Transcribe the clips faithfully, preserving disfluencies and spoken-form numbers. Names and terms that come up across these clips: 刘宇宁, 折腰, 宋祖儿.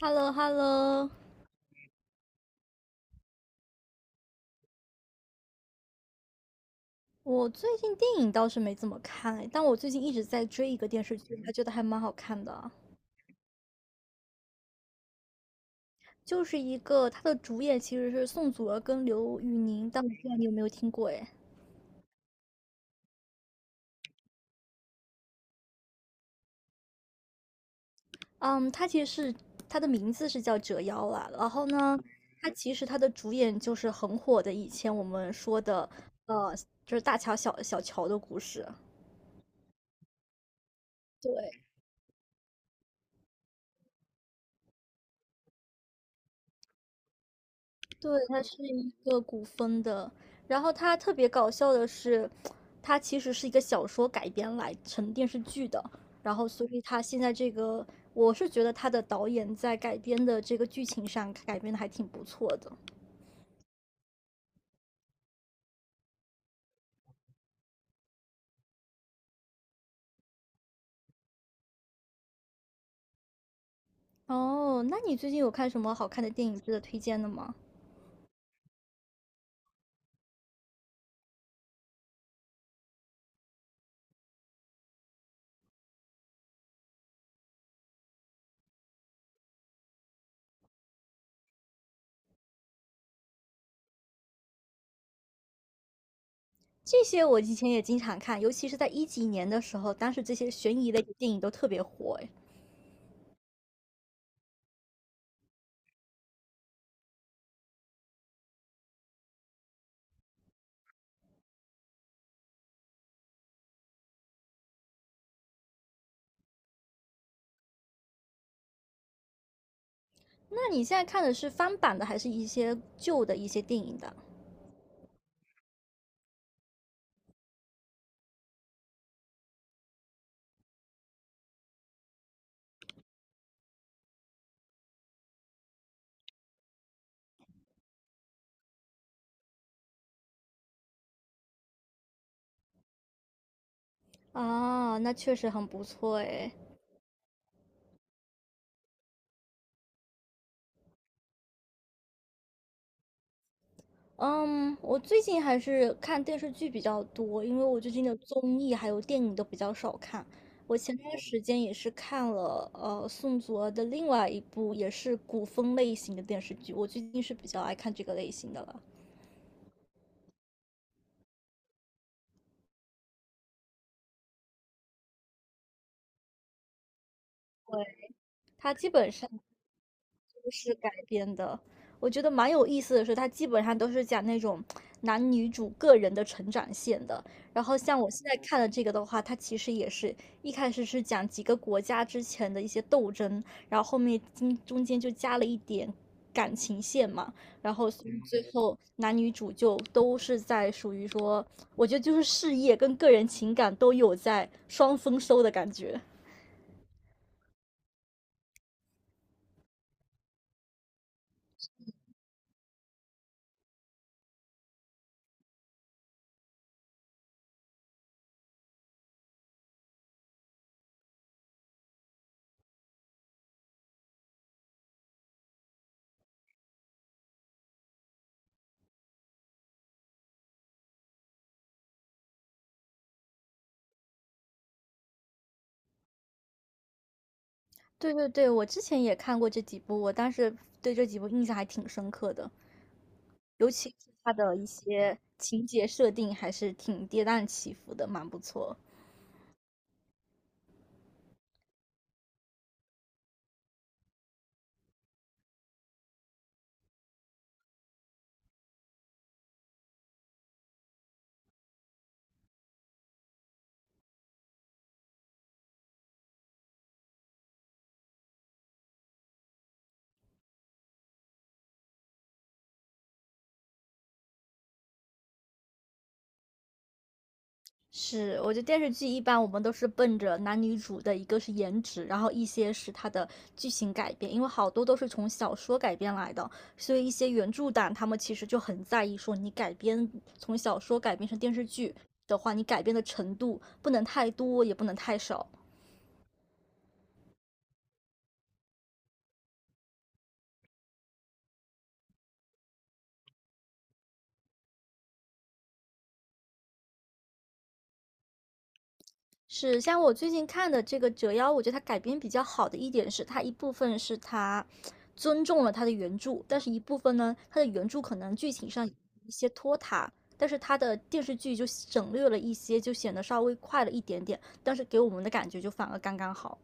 h e l l o h e l l o。 我最近电影倒是没怎么看哎，但我最近一直在追一个电视剧，还觉得还蛮好看的，就是一个它的主演其实是宋祖儿跟刘宇宁，但我不知道你有没有听过哎。嗯，它其实是它的名字是叫《折腰》啦，然后呢，它其实它的主演就是很火的，以前我们说的呃，就是大乔小小乔的故事。对。对，它是一个古风的，然后它特别搞笑的是，它其实是一个小说改编来成电视剧的，然后所以它现在这个，我是觉得它的导演在改编的这个剧情上改编的还挺不错的。哦，那你最近有看什么好看的电影值得推荐的吗？这些我以前也经常看，尤其是在一几年的时候，当时这些悬疑类的电影都特别火诶。那你现在看的是翻版的，还是一些旧的一些电影的？啊，那确实很不错诶。嗯，我最近还是看电视剧比较多，因为我最近的综艺还有电影都比较少看。我前段时间也是看了呃宋祖儿的另外一部也是古风类型的电视剧，我最近是比较爱看这个类型的了。它基本上故事改编的。我觉得蛮有意思的是，它基本上都是讲那种男女主个人的成长线的。然后像我现在看的这个的话，它其实也是一开始是讲几个国家之前的一些斗争，然后后面中中间就加了一点感情线嘛，然后所以最后男女主就都是在属于说，我觉得就是事业跟个人情感都有在双丰收的感觉。对对对，我之前也看过这几部，我当时对这几部印象还挺深刻的，尤其是它的一些情节设定还是挺跌宕起伏的，蛮不错。是，我觉得电视剧一般我们都是奔着男女主的一个是颜值，然后一些是它的剧情改编，因为好多都是从小说改编来的，所以一些原著党他们其实就很在意说你改编从小说改编成电视剧的话，你改编的程度不能太多，也不能太少。是，像我最近看的这个《折腰》，我觉得它改编比较好的一点是，它一部分是它尊重了它的原著，但是一部分呢，它的原著可能剧情上有一些拖沓，但是它的电视剧就省略了一些，就显得稍微快了一点点，但是给我们的感觉就反而刚刚好。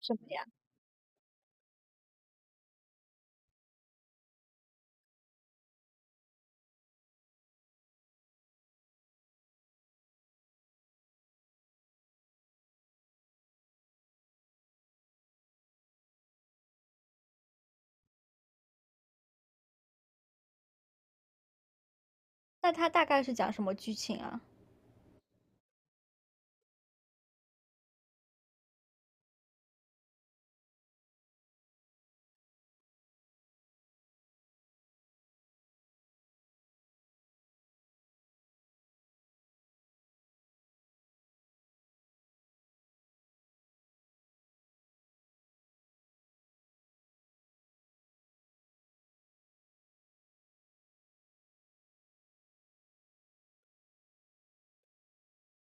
什么呀？那它大概是讲什么剧情啊？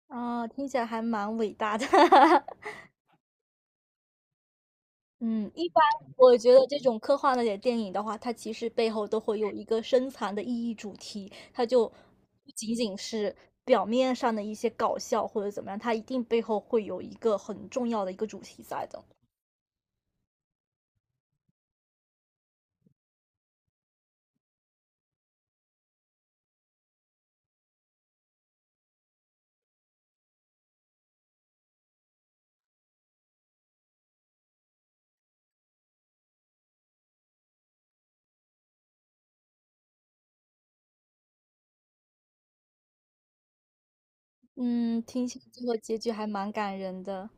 啊，听起来还蛮伟大的 嗯，一般我觉得这种科幻类的电影的话，它其实背后都会有一个深藏的意义主题，它就不仅仅是表面上的一些搞笑或者怎么样，它一定背后会有一个很重要的一个主题在的。嗯，听起来最后结局还蛮感人的。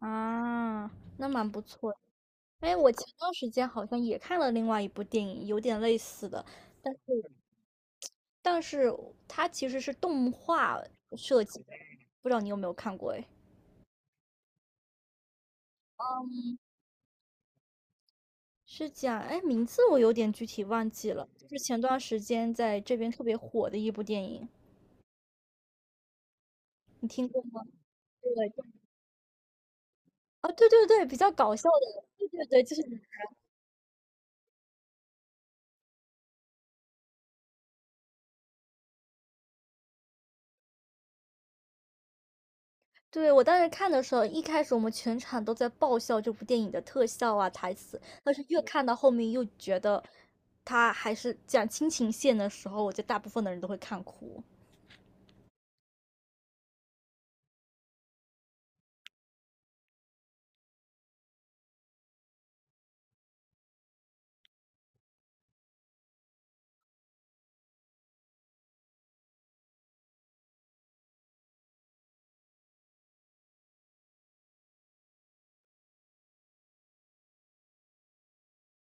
啊，那蛮不错的。哎，我前段时间好像也看了另外一部电影，有点类似的，但但是它其实是动画设计的，不知道你有没有看过哎？是讲，哎，名字我有点具体忘记了，就是前段时间在这边特别火的一部电影，你听过吗？对，对哦，对对对，比较搞笑的，对对对，就是，对，我当时看的时候，一开始我们全场都在爆笑这部电影的特效啊、台词，但是越看到后面又觉得，他还是讲亲情线的时候，我觉得大部分的人都会看哭。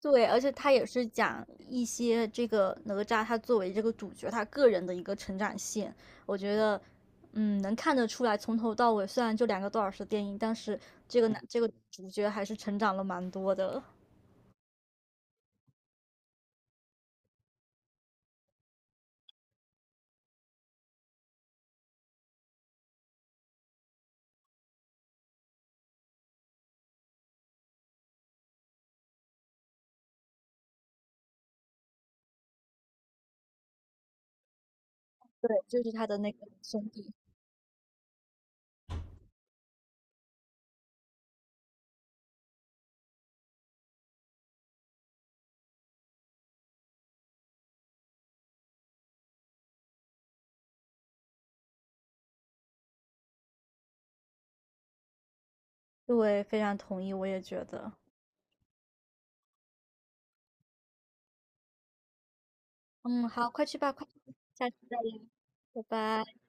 对，而且他也是讲一些这个哪吒他作为这个主角他个人的一个成长线，我觉得，嗯，能看得出来，从头到尾虽然就两个多小时的电影，但是这个男这个主角还是成长了蛮多的。对，就是他的那个兄弟。对，非常同意，我也觉得。嗯，好，快去吧，快去吧下次再聊，拜拜。